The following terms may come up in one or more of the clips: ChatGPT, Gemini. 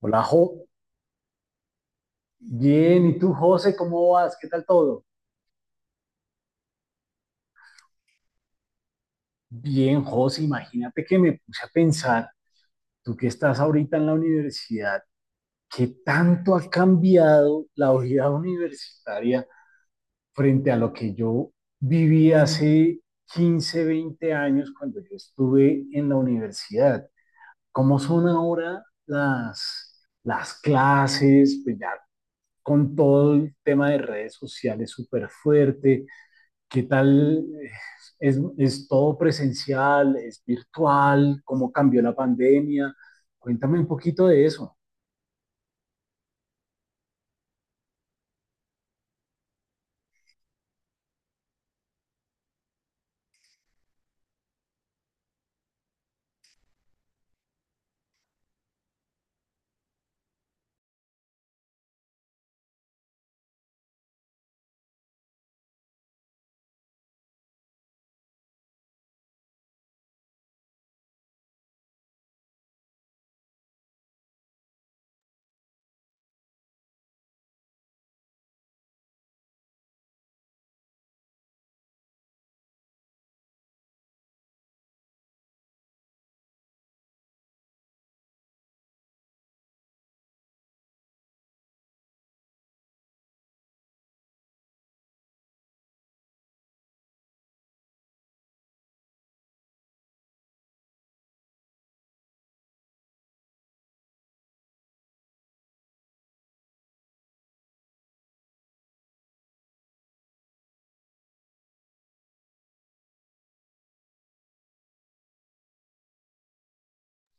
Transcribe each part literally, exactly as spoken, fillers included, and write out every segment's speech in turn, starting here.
Hola, Jo. Bien, ¿y tú, José, cómo vas? ¿Qué tal todo? Bien, José, imagínate que me puse a pensar, tú que estás ahorita en la universidad, ¿qué tanto ha cambiado la vida universitaria frente a lo que yo viví hace quince, veinte años cuando yo estuve en la universidad? ¿Cómo son ahora las, las clases? Pues ya con todo el tema de redes sociales súper fuerte. ¿Qué tal? eh, Es, es todo presencial, es virtual, cómo cambió la pandemia. Cuéntame un poquito de eso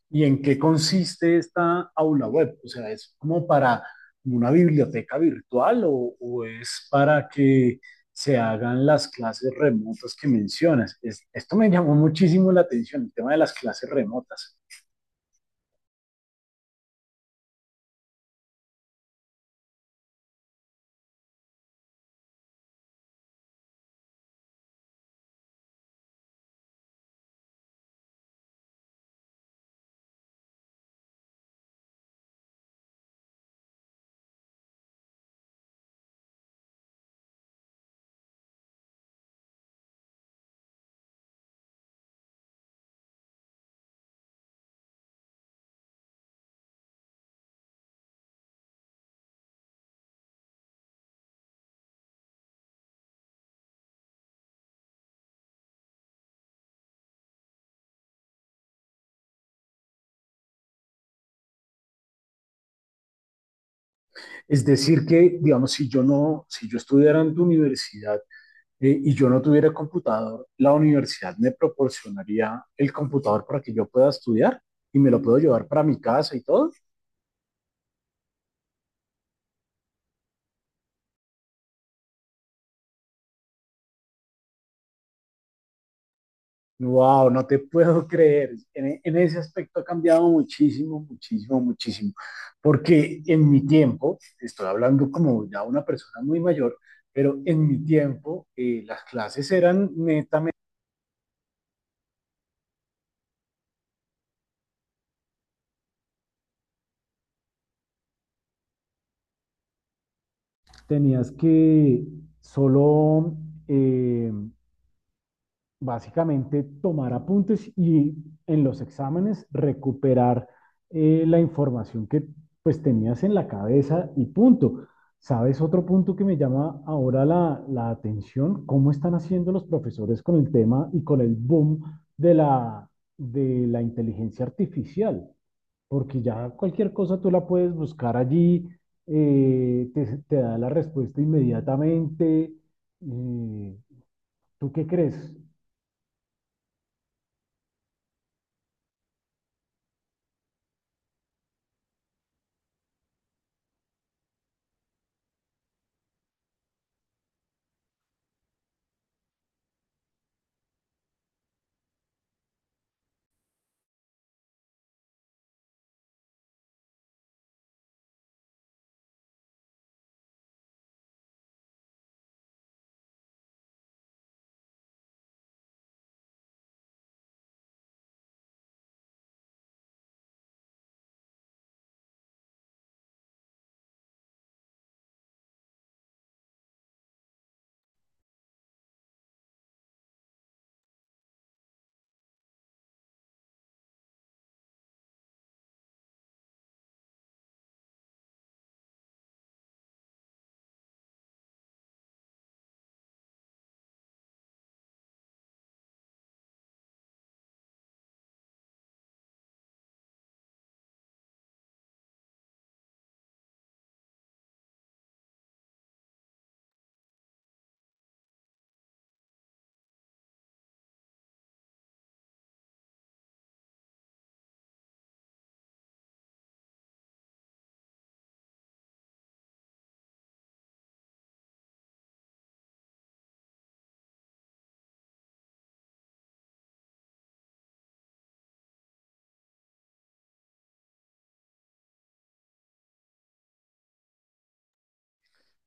y en qué consiste esta aula web. O sea, ¿es como para una biblioteca virtual o, o es para que se hagan las clases remotas que mencionas? Es, esto me llamó muchísimo la atención, el tema de las clases remotas. Es decir, que, digamos, si yo no, si yo estudiara en tu universidad, eh, y yo no tuviera computador, la universidad me proporcionaría el computador para que yo pueda estudiar y me lo puedo llevar para mi casa y todo. Wow, no te puedo creer. En, en ese aspecto ha cambiado muchísimo, muchísimo, muchísimo. Porque en mi tiempo, estoy hablando como ya una persona muy mayor, pero en mi tiempo eh, las clases eran netamente... Tenías que solo eh, básicamente tomar apuntes y en los exámenes recuperar eh, la información que pues tenías en la cabeza y punto. ¿Sabes otro punto que me llama ahora la, la atención? ¿Cómo están haciendo los profesores con el tema y con el boom de la, de la inteligencia artificial? Porque ya cualquier cosa tú la puedes buscar allí, eh, te, te da la respuesta inmediatamente. Eh, ¿Tú qué crees?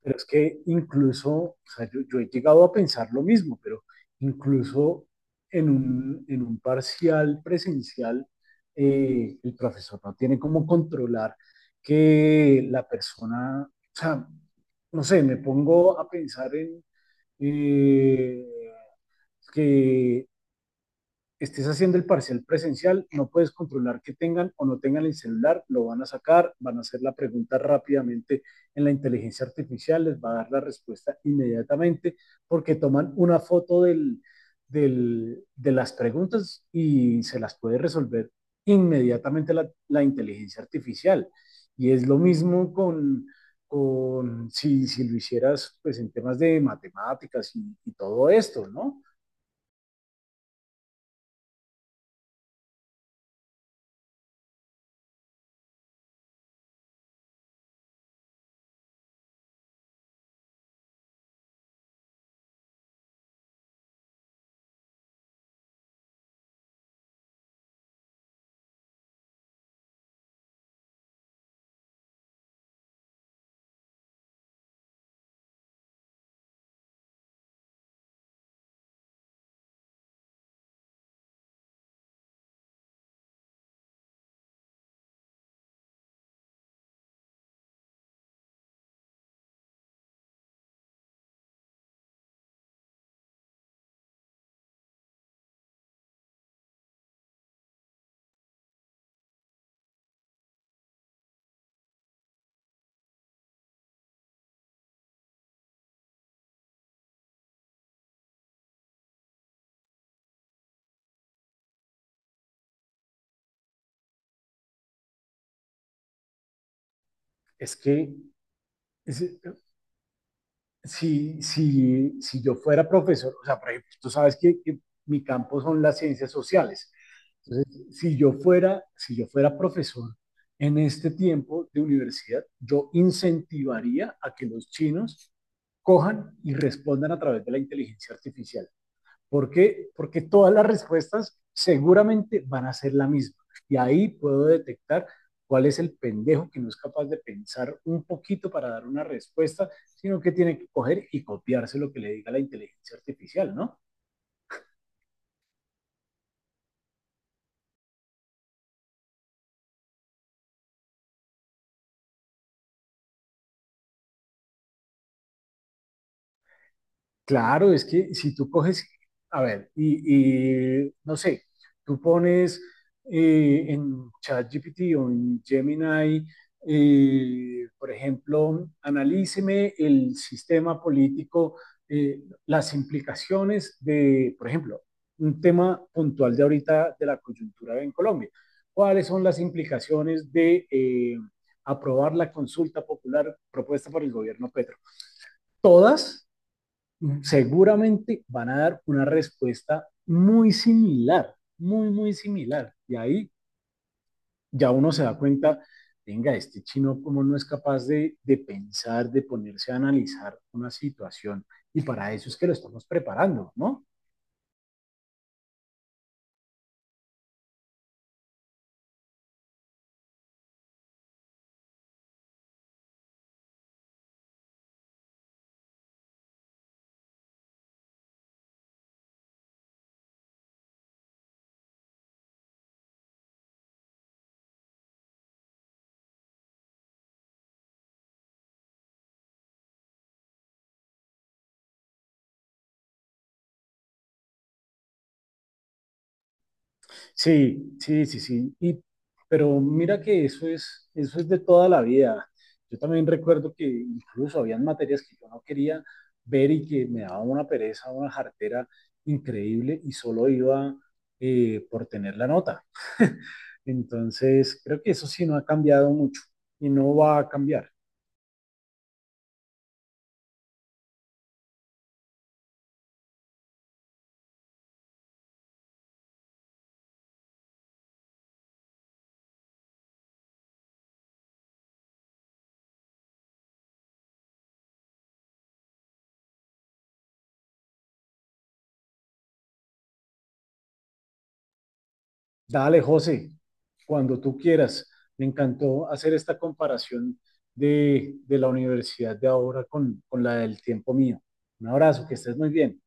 Pero es que incluso, o sea, yo, yo he llegado a pensar lo mismo, pero incluso en un, en un parcial presencial, eh, el profesor no tiene cómo controlar que la persona, o sea, no sé, me pongo a pensar en eh, que estés haciendo el parcial presencial, no puedes controlar que tengan o no tengan el celular, lo van a sacar, van a hacer la pregunta rápidamente en la inteligencia artificial, les va a dar la respuesta inmediatamente porque toman una foto del, del, de las preguntas y se las puede resolver inmediatamente la, la inteligencia artificial. Y es lo mismo con, con si, si, lo hicieras pues en temas de matemáticas y, y todo esto, ¿no? Es que es, si, si, si yo fuera profesor, o sea, por ejemplo, tú sabes que, que mi campo son las ciencias sociales. Entonces, si yo fuera, si yo fuera profesor en este tiempo de universidad, yo incentivaría a que los chinos cojan y respondan a través de la inteligencia artificial. ¿Por qué? Porque todas las respuestas seguramente van a ser la misma. Y ahí puedo detectar cuál es el pendejo que no es capaz de pensar un poquito para dar una respuesta, sino que tiene que coger y copiarse lo que le diga la inteligencia artificial, ¿no? Claro, es que si tú coges, a ver, y, y, no sé, tú pones eh, en ChatGPT o en Gemini, eh, por ejemplo, analíceme el sistema político, eh, las implicaciones de, por ejemplo, un tema puntual de ahorita de la coyuntura en Colombia. ¿Cuáles son las implicaciones de eh, aprobar la consulta popular propuesta por el gobierno Petro? Todas seguramente van a dar una respuesta muy similar, muy, muy similar. Y ahí ya uno se da cuenta, venga, este chino como no es capaz de, de pensar, de ponerse a analizar una situación. Y para eso es que lo estamos preparando, ¿no? Sí, sí, sí, sí. Y, pero mira que eso es, eso es de toda la vida. Yo también recuerdo que incluso habían materias que yo no quería ver y que me daba una pereza, una jartera increíble y solo iba eh, por tener la nota. Entonces, creo que eso sí no ha cambiado mucho y no va a cambiar. Dale, José, cuando tú quieras. Me encantó hacer esta comparación de, de la universidad de ahora con, con la del tiempo mío. Un abrazo, que estés muy bien.